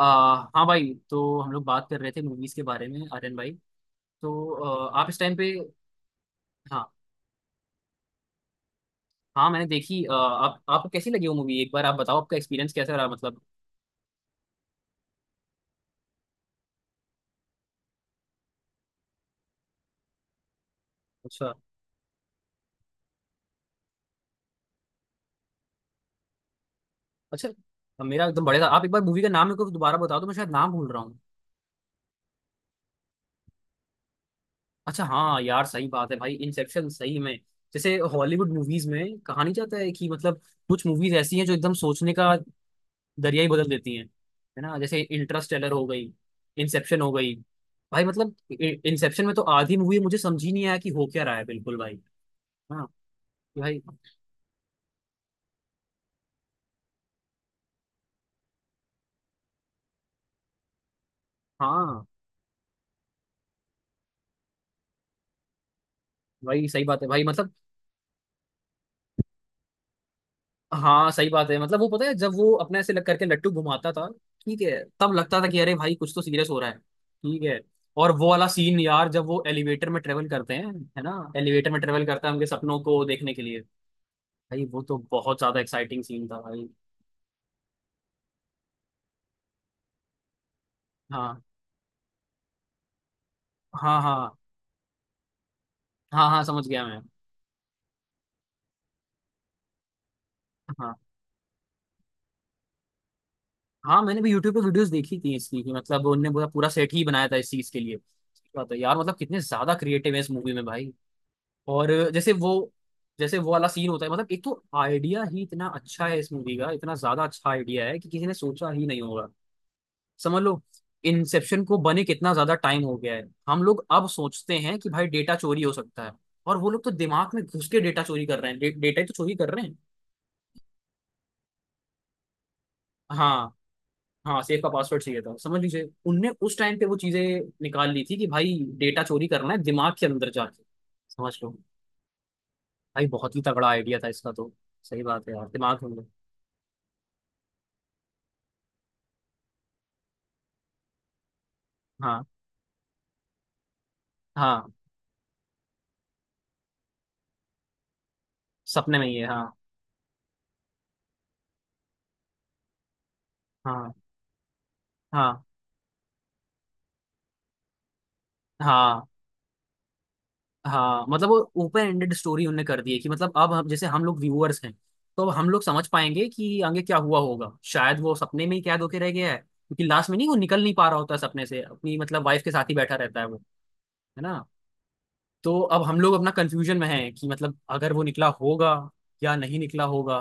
आ, हाँ भाई, तो हम लोग बात कर रहे थे मूवीज के बारे में, आर्यन भाई। तो आप इस टाइम पे। हाँ। हाँ, मैंने देखी। आ, आप आपको कैसी लगी वो मूवी, एक बार आप बताओ, आपका एक्सपीरियंस कैसा रहा मतलब। अच्छा। अच्छा, मेरा एकदम बढ़िया था। आप एक बार मूवी का नाम मेरे को दोबारा बताओ, तो मैं शायद नाम भूल रहा हूँ। अच्छा, हाँ यार सही बात है भाई, इंसेप्शन सही में, जैसे हॉलीवुड मूवीज में कहा नहीं जाता है कि मतलब कुछ मूवीज ऐसी हैं जो एकदम सोचने का दरिया ही बदल देती हैं, है ना। जैसे इंटरस्टेलर हो गई, इंसेप्शन हो गई, भाई मतलब, इंसेप्शन में तो आधी मूवी मुझे समझ ही नहीं आया कि हो क्या रहा है, बिल्कुल भाई। हाँ। कि भाई। हाँ भाई सही बात है भाई मतलब। हाँ सही बात है। मतलब वो पता है जब वो अपने ऐसे लग करके लट्टू घुमाता था, ठीक है, तब लगता था कि अरे भाई कुछ तो सीरियस हो रहा है, ठीक है। और वो वाला सीन यार, जब वो एलिवेटर में ट्रेवल करते हैं, है ना, एलिवेटर में ट्रेवल करता है उनके सपनों को देखने के लिए, भाई वो तो बहुत ज्यादा एक्साइटिंग सीन था भाई। हाँ, हाँ, हाँ, हाँ। हाँ, समझ गया मैं। हाँ, हाँ। मैंने भी यूट्यूब पे वीडियोस देखी थी इसकी, कि मतलब उनने पूरा पूरा सेट ही बनाया था इस चीज के लिए। सही बात है यार, मतलब कितने ज्यादा क्रिएटिव है इस मूवी में भाई। और जैसे वो वाला सीन होता है, मतलब एक तो आइडिया ही इतना अच्छा है इस मूवी का, इतना ज्यादा अच्छा आइडिया है कि किसी ने सोचा ही नहीं होगा, समझ लो। इंसेप्शन को बने कितना ज्यादा टाइम हो गया है। हम लोग अब सोचते हैं कि भाई डेटा चोरी हो सकता है, और वो लोग तो दिमाग में घुस के डेटा चोरी कर रहे हैं। डेटा ही तो चोरी कर रहे हैं। हाँ। हाँ, सेफ का पासवर्ड चाहिए था, समझ लीजिए उनने उस टाइम पे वो चीजें निकाल ली थी कि भाई डेटा चोरी करना है दिमाग के अंदर जाके, समझ लो। भाई बहुत ही तगड़ा आइडिया था इसका तो। सही बात है यार, दिमाग के अंदर। हाँ। हाँ, सपने में ही है, हाँ, हाँ, हाँ, हाँ। हाँ मतलब वो ओपन एंडेड स्टोरी उनने कर दी है, कि मतलब अब हम, जैसे हम लोग व्यूअर्स हैं, तो अब हम लोग समझ पाएंगे कि आगे क्या हुआ होगा, शायद वो सपने में ही कैद होके रह गया है, क्योंकि लास्ट में नहीं, वो निकल नहीं पा रहा होता है सपने से, अपनी मतलब वाइफ के साथ ही बैठा रहता है वो, है ना। तो अब हम लोग अपना कंफ्यूजन में हैं कि मतलब अगर वो निकला होगा या नहीं निकला होगा।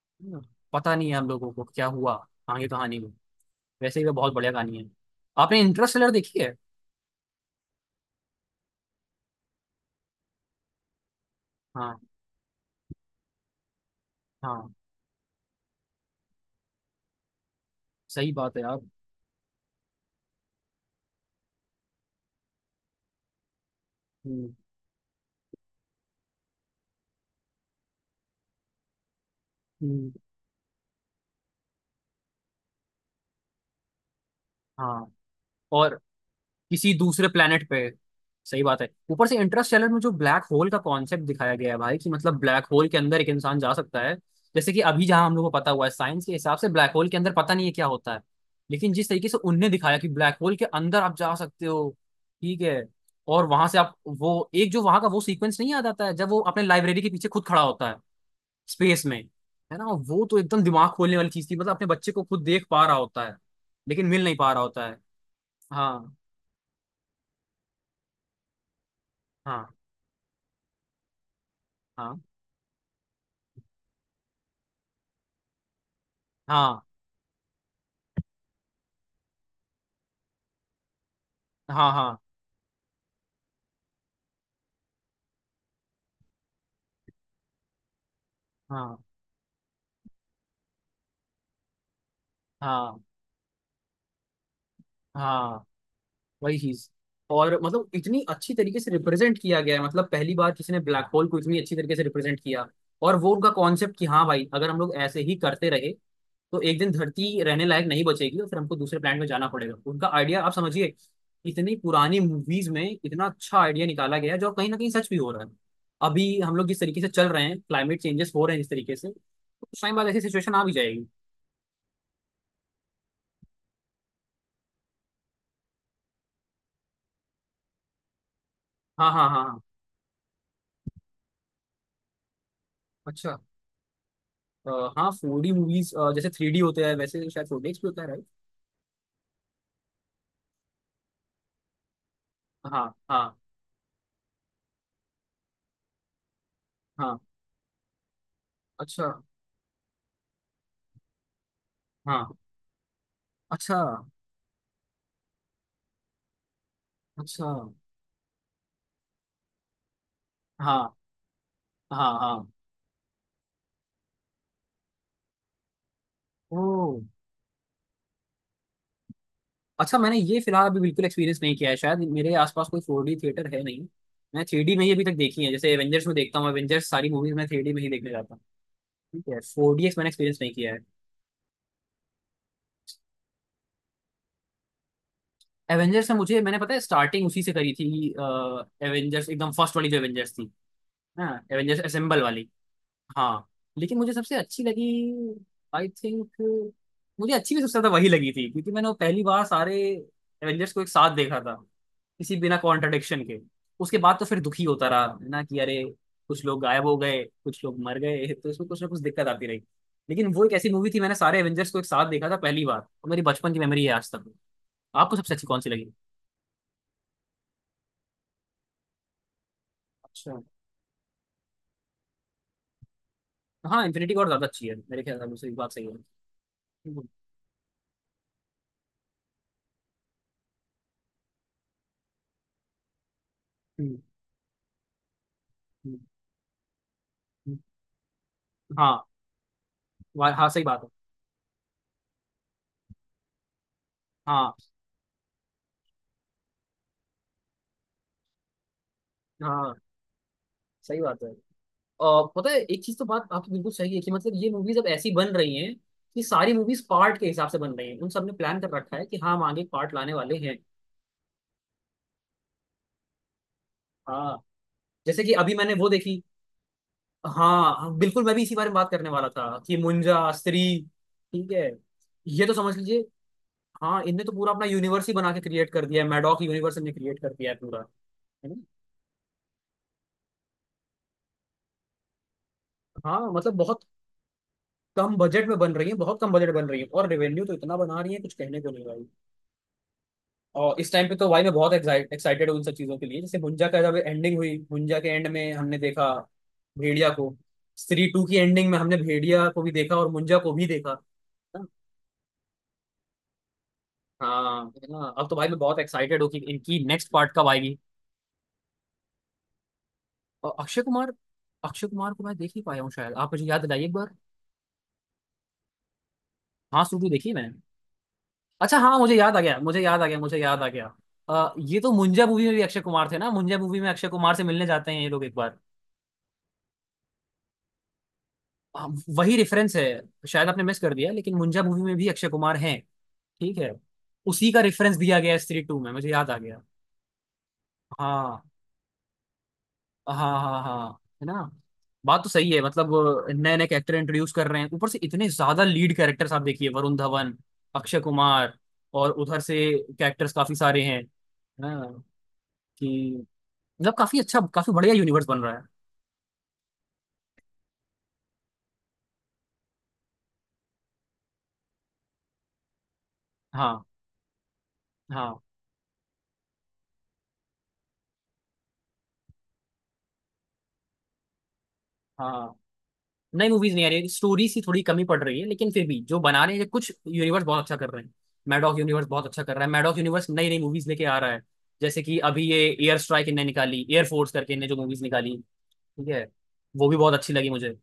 हम्म, पता नहीं है हम लोगों को क्या हुआ आगे कहानी में। वैसे ही वो बहुत बढ़िया कहानी है। आपने इंटरस्टेलर देखी है? हाँ। हाँ, सही बात है यार। हम्म। हम्म। हाँ, और किसी दूसरे planet पे। सही बात है, ऊपर से इंटरस्टेलर में जो ब्लैक होल का कॉन्सेप्ट दिखाया गया है भाई, कि मतलब ब्लैक होल के अंदर एक इंसान जा सकता है। जैसे कि अभी जहां हम लोग को पता हुआ है साइंस के हिसाब से, ब्लैक होल के अंदर पता नहीं है क्या होता है। लेकिन जिस तरीके से उनने दिखाया कि ब्लैक होल के अंदर आप जा सकते हो, ठीक है, और वहां से आप वो एक जो वहां का वो सीक्वेंस नहीं याद आता है जब वो अपने लाइब्रेरी के पीछे खुद खड़ा होता है स्पेस में, है ना। वो तो एकदम दिमाग खोलने वाली चीज थी, मतलब अपने बच्चे को खुद देख पा रहा होता है लेकिन मिल नहीं पा रहा होता है। हाँ, हाँ, हाँ, हाँ, हाँ, हाँ, हाँ, हाँ, हाँ। वही चीज, और मतलब इतनी अच्छी तरीके से रिप्रेजेंट किया गया है, मतलब पहली बार किसी ने ब्लैक होल को इतनी अच्छी तरीके से रिप्रेजेंट किया। और वो उनका कॉन्सेप्ट कि हाँ भाई अगर हम लोग ऐसे ही करते रहे, तो एक दिन धरती रहने लायक नहीं बचेगी और फिर हमको दूसरे प्लैनेट में जाना पड़ेगा। उनका आइडिया आप समझिए, इतनी पुरानी मूवीज में इतना अच्छा आइडिया निकाला गया है जो कहीं ना कहीं सच भी हो रहा है। अभी हम लोग जिस तरीके से चल रहे हैं, क्लाइमेट चेंजेस हो रहे हैं जिस तरीके से, तो कुछ टाइम बाद ऐसी सिचुएशन आ भी जाएगी। हाँ, हाँ, हाँ, हाँ। अच्छा। अ, हाँ 4D मूवीज जैसे 3D होते हैं, वैसे शायद 4D भी होता है, राइट। हाँ। हाँ। हाँ। अच्छा। हाँ। अच्छा। अच्छा। हाँ। हाँ। हाँ। ओ। अच्छा, मैंने ये फिलहाल अभी बिल्कुल एक्सपीरियंस नहीं किया है, शायद मेरे आसपास कोई 4D थिएटर है नहीं। मैं 3D में ही अभी तक देखी है, जैसे एवेंजर्स में देखता हूँ, एवेंजर्स सारी मूवीज मैं 3D में ही देखने जाता हूँ, ठीक है। 4DX मैंने एक्सपीरियंस नहीं किया है। एवेंजर्स में मुझे, मैंने पता है स्टार्टिंग उसी से करी थी। एवेंजर्स एकदम फर्स्ट वाली, जो एवेंजर्स थी, हाँ, एवेंजर्स असेंबल वाली। हाँ। लेकिन मुझे सबसे अच्छी लगी, आई थिंक, मुझे अच्छी भी सबसे ज्यादा वही लगी थी, क्योंकि मैंने वो पहली बार सारे एवेंजर्स को एक साथ देखा था, किसी बिना कॉन्ट्रडिक्शन के। उसके बाद तो फिर दुखी होता रहा है ना, कि अरे कुछ लोग गायब हो गए, कुछ लोग मर गए, तो इसमें कुछ ना कुछ दिक्कत आती रही। लेकिन वो एक ऐसी मूवी थी, मैंने सारे एवेंजर्स को एक साथ देखा था पहली बार, और मेरी बचपन की मेमोरी है आज तक। आपको सबसे अच्छी कौन सी लगी? अच्छा। हाँ, इन्फिनिटी वॉर ज्यादा अच्छी है मेरे ख्याल से, आपकी सही बात सही है। हम्म, हम्म, हम्म, हम्म। हाँ। हाँ, सही बात है। हाँ, हाँ, सही बात है। और पता है एक चीज, तो बात आपकी बिल्कुल सही है, कि मतलब ये मूवीज अब ऐसी बन रही हैं, कि सारी मूवीज पार्ट के हिसाब से बन रही हैं, उन सबने प्लान कर रखा है कि हाँ हम आगे पार्ट लाने वाले हैं। हाँ, जैसे कि अभी मैंने वो देखी। हाँ, हाँ, बिल्कुल मैं भी इसी बारे में बात करने वाला था, कि मुंजा, स्त्री, ठीक है, ये तो समझ लीजिए। हाँ, इनने तो पूरा अपना यूनिवर्स ही बना के क्रिएट कर दिया है, मैडॉक यूनिवर्स इनने क्रिएट कर दिया है पूरा, है ना। हाँ मतलब बहुत कम बजट में बन रही है, बहुत कम बजट बन रही है, और रेवेन्यू तो इतना बना रही है कुछ कहने को नहीं भाई। और इस टाइम पे तो भाई मैं बहुत एक्साइटेड हूँ उन सब चीजों के लिए, जैसे भुंजा का जब एंडिंग हुई, भुंजा के एंड में हमने देखा भेड़िया को, स्त्री टू की एंडिंग में हमने भेड़िया को भी देखा और मुंजा को भी देखा, ना? हाँ, है ना, अब तो भाई मैं बहुत एक्साइटेड हूँ कि इनकी नेक्स्ट पार्ट कब आएगी। और अक्षय कुमार, अक्षय कुमार को मैं देख ही पाया हूँ, शायद आप मुझे याद दिलाइए एक बार। हाँ, सूर्य देखी है मैंने। अच्छा, हाँ मुझे याद आ गया, मुझे याद आ गया, मुझे याद आ गया। ये तो मुंजा मूवी में भी अक्षय कुमार थे ना, मुंजा मूवी में अक्षय कुमार से मिलने जाते हैं ये लोग एक बार। हाँ, वही रेफरेंस है, शायद आपने मिस कर दिया, लेकिन मुंजा मूवी में भी अक्षय कुमार हैं, ठीक है, उसी का रेफरेंस दिया गया है स्त्री टू में, मुझे याद आ गया। हाँ, हाँ, हाँ, हाँ, है ना। बात तो सही है, मतलब नए नए कैरेक्टर इंट्रोड्यूस कर रहे हैं, ऊपर से इतने ज्यादा लीड कैरेक्टर्स, आप देखिए वरुण धवन, अक्षय कुमार, और उधर से कैरेक्टर्स काफी सारे हैं, है ना, कि मतलब काफी अच्छा, काफी बढ़िया यूनिवर्स बन रहा है। हाँ, हाँ, हाँ। नई मूवीज नहीं आ रही, स्टोरी सी थोड़ी कमी पड़ रही है, लेकिन फिर भी जो बना रहे हैं कुछ यूनिवर्स बहुत अच्छा कर रहे हैं। मैडॉक यूनिवर्स बहुत अच्छा कर रहा है, मैडॉक यूनिवर्स नई नई मूवीज लेके आ रहा है। जैसे कि अभी ये एयर स्ट्राइक इनने निकाली, एयर फोर्स करके इनने जो मूवीज निकाली, ठीक है, वो भी बहुत अच्छी लगी मुझे।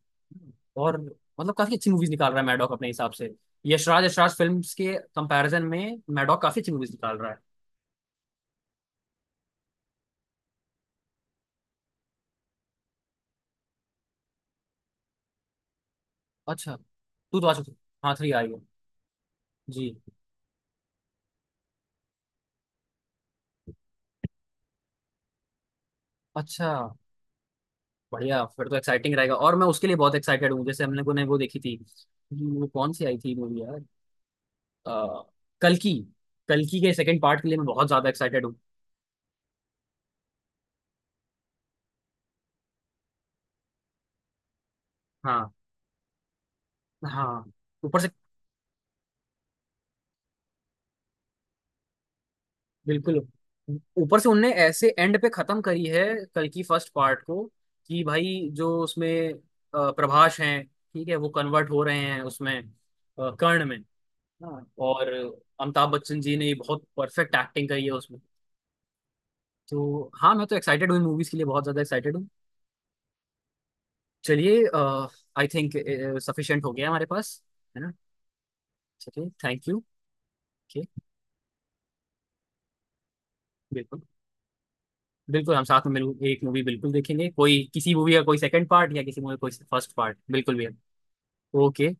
और मतलब काफी अच्छी मूवीज निकाल रहा है मैडॉक अपने हिसाब से। यशराज यशराज फिल्म के कंपैरिजन में मैडॉक काफी अच्छी मूवीज निकाल रहा है। अच्छा, तू तो आ चुकी, हाँ थ्री आई हो। जी। अच्छा, बढ़िया, फिर तो एक्साइटिंग रहेगा और मैं उसके लिए बहुत एक्साइटेड हूँ। जैसे हम लोगों ने वो देखी थी, वो कौन सी आई थी मूवी यार, आ, कल्कि, कल्कि के सेकंड पार्ट के लिए मैं बहुत ज्यादा एक्साइटेड हूँ। हाँ, हाँ, ऊपर से, बिल्कुल। ऊपर से उनने ऐसे एंड पे खत्म करी है कल्कि फर्स्ट पार्ट को, कि भाई जो उसमें प्रभास हैं, ठीक है, वो कन्वर्ट हो रहे हैं उसमें कर्ण में। हाँ। और अमिताभ बच्चन जी ने बहुत परफेक्ट एक्टिंग करी है उसमें। तो हाँ मैं तो एक्साइटेड हूँ मूवीज के लिए, बहुत ज्यादा एक्साइटेड हूँ। चलिए, आई थिंक सफिशिएंट हो गया हमारे पास, है ना, चलिए, थैंक यू। ओके। बिल्कुल। बिल्कुल, हम साथ में मिल एक मूवी बिल्कुल देखेंगे, कोई किसी मूवी का कोई सेकंड पार्ट या किसी मूवी का कोई फर्स्ट पार्ट बिल्कुल भी। ओके।